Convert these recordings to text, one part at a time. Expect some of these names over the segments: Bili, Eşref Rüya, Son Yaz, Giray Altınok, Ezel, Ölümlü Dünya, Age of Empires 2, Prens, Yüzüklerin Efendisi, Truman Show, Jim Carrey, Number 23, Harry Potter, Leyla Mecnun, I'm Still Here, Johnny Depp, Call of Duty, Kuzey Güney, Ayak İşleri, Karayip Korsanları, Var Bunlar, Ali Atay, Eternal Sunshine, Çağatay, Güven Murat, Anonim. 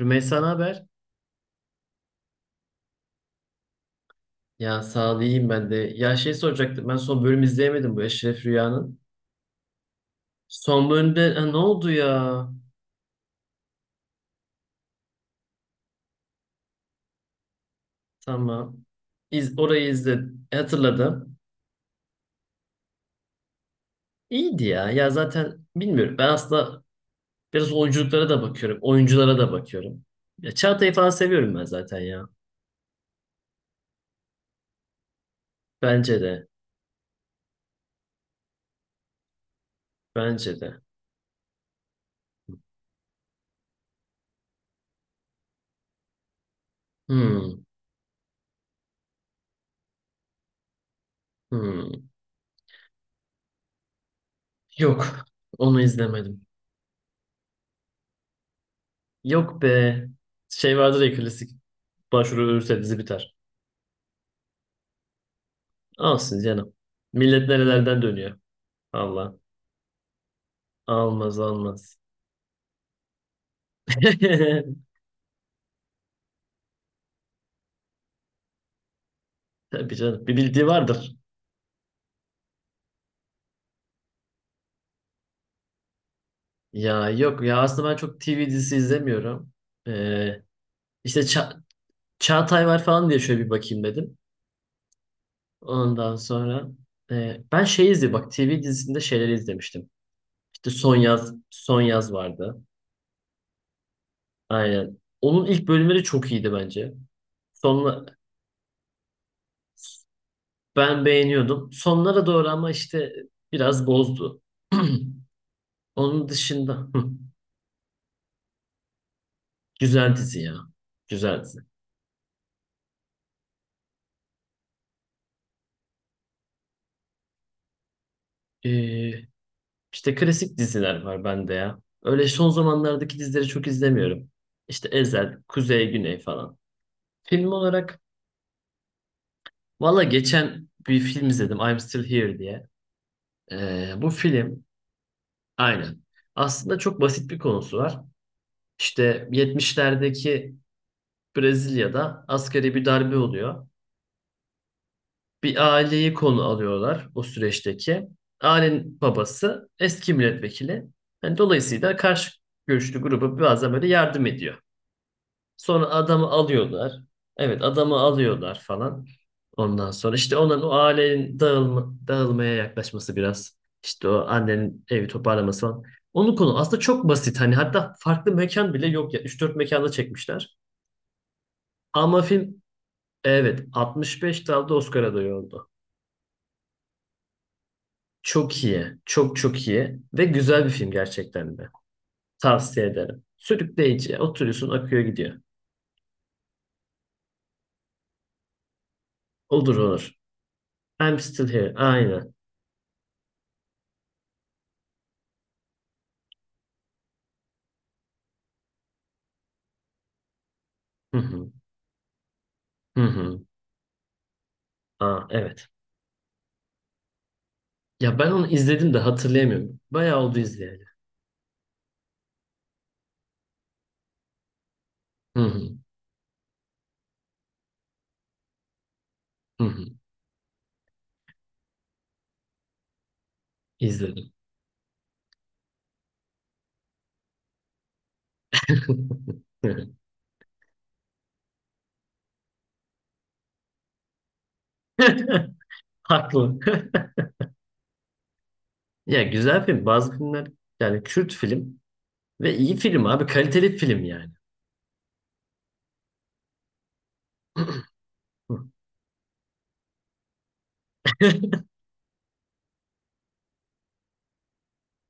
Rümeysa, ne haber? Ya sağ ol, iyiyim ben de. Ya şey, soracaktım, ben son bölüm izleyemedim bu Eşref Rüya'nın. Son bölümde ha, ne oldu ya? Tamam. Orayı izledim. Hatırladım. İyiydi ya. Ya zaten bilmiyorum. Ben aslında biraz oyunculuklara da bakıyorum. Oyunculara da bakıyorum. Ya Çağatay'ı falan seviyorum ben zaten ya. Bence de. Bence de. Hmm, hmm. Yok. Onu izlemedim. Yok be. Şey vardır ya, klasik. Başvuru ölürse dizi biter. Olsun canım. Millet nerelerden dönüyor. Allah. Almaz almaz. Tabii canım. Bir bildiği vardır. Ya yok ya, aslında ben çok TV dizisi izlemiyorum. Ee, işte Çağatay var falan diye şöyle bir bakayım dedim. Ondan sonra ben şey izledim, bak, TV dizisinde şeyleri izlemiştim. İşte Son Yaz, Son Yaz vardı. Aynen. Onun ilk bölümleri çok iyiydi bence. Sonla Ben beğeniyordum. Sonlara doğru ama işte biraz bozdu. Onun dışında güzel dizi ya. Güzel dizi. Ee, işte klasik diziler var bende ya. Öyle son zamanlardaki dizileri çok izlemiyorum. İşte Ezel, Kuzey, Güney falan. Film olarak valla, geçen bir film izledim, I'm Still Here diye. Bu film, aynen. Aslında çok basit bir konusu var. İşte 70'lerdeki Brezilya'da asgari bir darbe oluyor. Bir aileyi konu alıyorlar, o süreçteki. Ailenin babası eski milletvekili. Yani dolayısıyla karşı görüşlü gruba bazen böyle yardım ediyor. Sonra adamı alıyorlar. Evet, adamı alıyorlar falan. Ondan sonra işte onların, o ailenin dağılmaya yaklaşması biraz. İşte o annenin evi toparlaması falan. Onun konu aslında çok basit. Hani hatta farklı mekan bile yok ya. Üç dört mekanda çekmişler. Ama film, evet, 65 dalda Oscar adayı oldu. Çok iyi. Çok çok iyi. Ve güzel bir film gerçekten de. Tavsiye ederim. Sürükleyici. Oturuyorsun, akıyor gidiyor. Olur olur. I'm still here. Aynen. Hı hı. Hı hı. Aa, evet. Ya ben onu izledim de hatırlayamıyorum. Bayağı oldu izleyeli. Hı hı. Hı hı. İzledim. Haklı. Ya güzel film. Bazı filmler, yani Kürt film ve iyi film abi. Kaliteli film yani.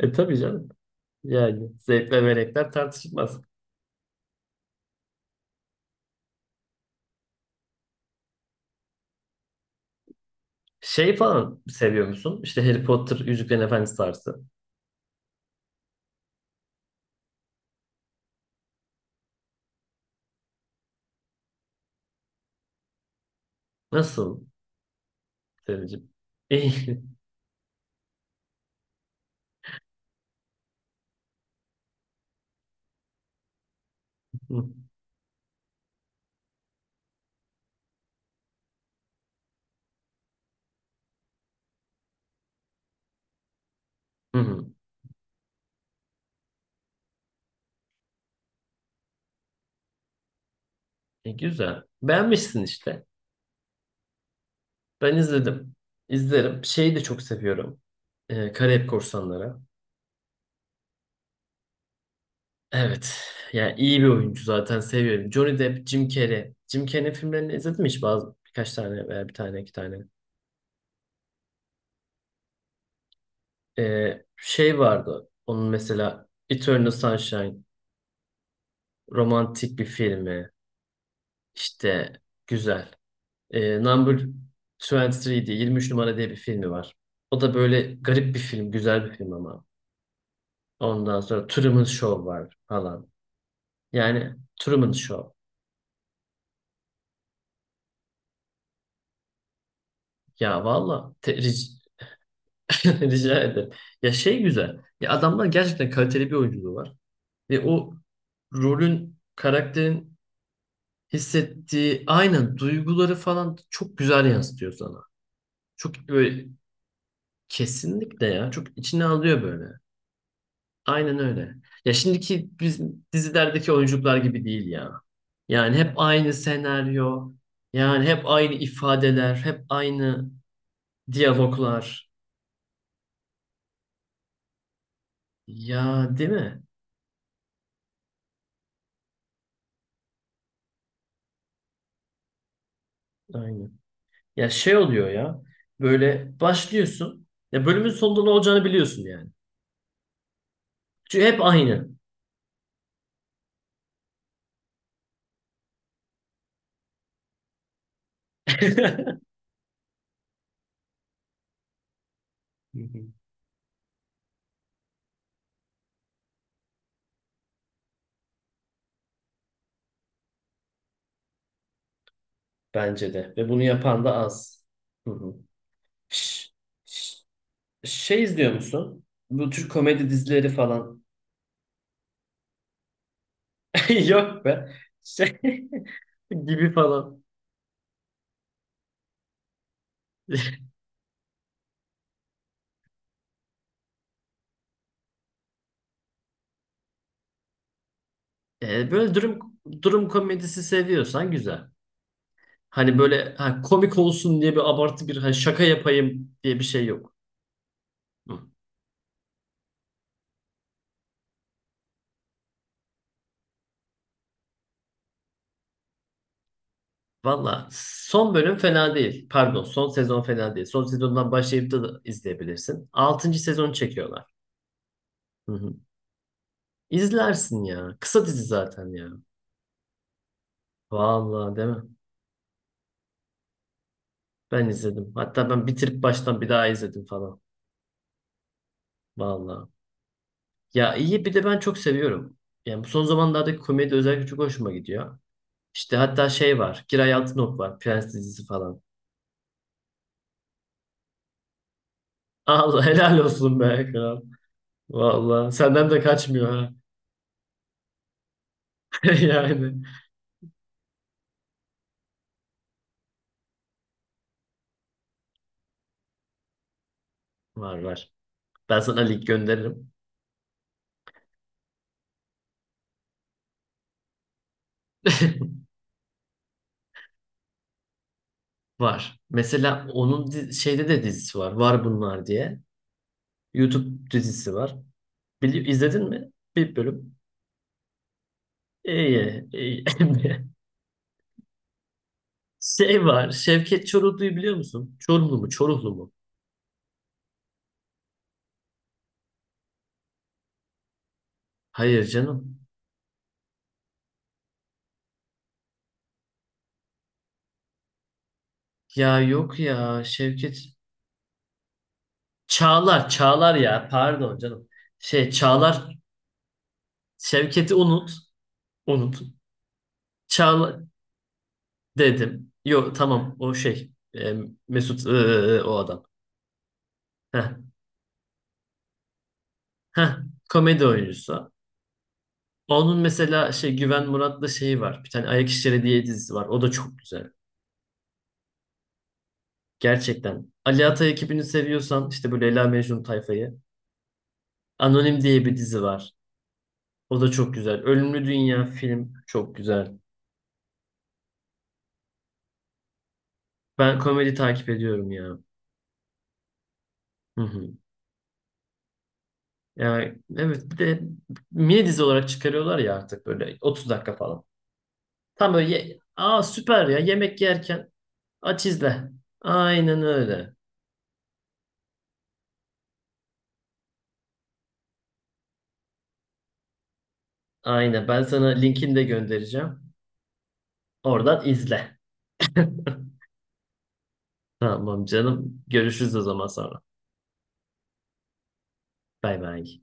E tabii canım. Yani zevkler ve renkler tartışılmaz. Şey falan seviyor musun? İşte Harry Potter, Yüzüklerin Efendisi tarzı. Nasıl Selin'cim? İyi. Hı hı. E, güzel. Beğenmişsin işte. Ben izledim. İzlerim. Şeyi de çok seviyorum. Karayip Korsanları. Evet. Yani iyi bir oyuncu, zaten seviyorum. Johnny Depp, Jim Carrey. Jim Carrey'in filmlerini izledin mi hiç? Bazı birkaç tane, veya bir tane iki tane. Şey vardı. Onun mesela Eternal Sunshine. Romantik bir filmi. İşte güzel. E, Number 23 diye, 23 numara diye bir filmi var. O da böyle garip bir film, güzel bir film ama. Ondan sonra Truman Show var falan. Yani Truman Show. Ya valla te- ric- Rica ederim. Ya şey, güzel. Ya adamlar gerçekten kaliteli bir oyunculuğu var. Ve o rolün, karakterin hissettiği aynen duyguları falan çok güzel yansıtıyor sana. Çok böyle, kesinlikle ya. Çok içine alıyor böyle. Aynen öyle. Ya şimdiki biz dizilerdeki oyuncular gibi değil ya. Yani hep aynı senaryo, yani hep aynı ifadeler, hep aynı diyaloglar. Ya değil mi? Aynen. Ya şey oluyor ya. Böyle başlıyorsun. Ya bölümün sonunda ne olacağını biliyorsun yani. Çünkü hep aynı. Hı hı. Bence de. Ve bunu yapan da az. Hı hı. Ş- ş- Şey izliyor musun? Bu Türk komedi dizileri falan. Yok be. Şey, gibi falan. Böyle durum komedisi seviyorsan güzel. Hani böyle ha, komik olsun diye bir abartı, bir ha, şaka yapayım diye bir şey yok. Hı. Valla son bölüm fena değil. Pardon, son sezon fena değil. Son sezondan başlayıp da izleyebilirsin. Altıncı sezon çekiyorlar. Hı hı. İzlersin ya. Kısa dizi zaten ya. Valla değil mi? Ben izledim. Hatta ben bitirip baştan bir daha izledim falan. Valla. Ya iyi, bir de ben çok seviyorum. Yani bu son zamanlardaki komedi özellikle çok hoşuma gidiyor. İşte hatta şey var. Giray Altınok var. Prens dizisi falan. Allah helal olsun be kral. Vallahi senden de kaçmıyor ha. Yani var var. Ben sana link gönderirim. Var. Mesela onun şeyde de dizisi var. Var bunlar diye. YouTube dizisi var. Bili izledin mi? Bir bölüm. İyi, iyi. Şey var. Şevket Çoruhlu'yu biliyor musun? Çorumlu mu? Çoruhlu mu? Hayır canım. Ya yok ya Şevket. Çağlar, Çağlar ya. Pardon canım. Şey Çağlar, Şevket'i unut. Unut. Çağlar dedim. Yok tamam, o şey. e, Mesut, o adam. Heh. Heh. Komedi oyuncusu. Onun mesela şey Güven Murat'la şeyi var. Bir tane Ayak İşleri diye dizisi var. O da çok güzel. Gerçekten. Ali Atay ekibini seviyorsan, işte böyle Leyla Mecnun tayfayı. Anonim diye bir dizi var. O da çok güzel. Ölümlü Dünya film çok güzel. Ben komedi takip ediyorum ya. Hı hı. Yani evet, bir de mini dizi olarak çıkarıyorlar ya artık, böyle 30 dakika falan. Tam böyle. Aa, süper ya, yemek yerken aç izle. Aynen öyle. Aynen, ben sana linkini de göndereceğim. Oradan izle. Tamam canım. Görüşürüz o zaman sonra. Bay bay.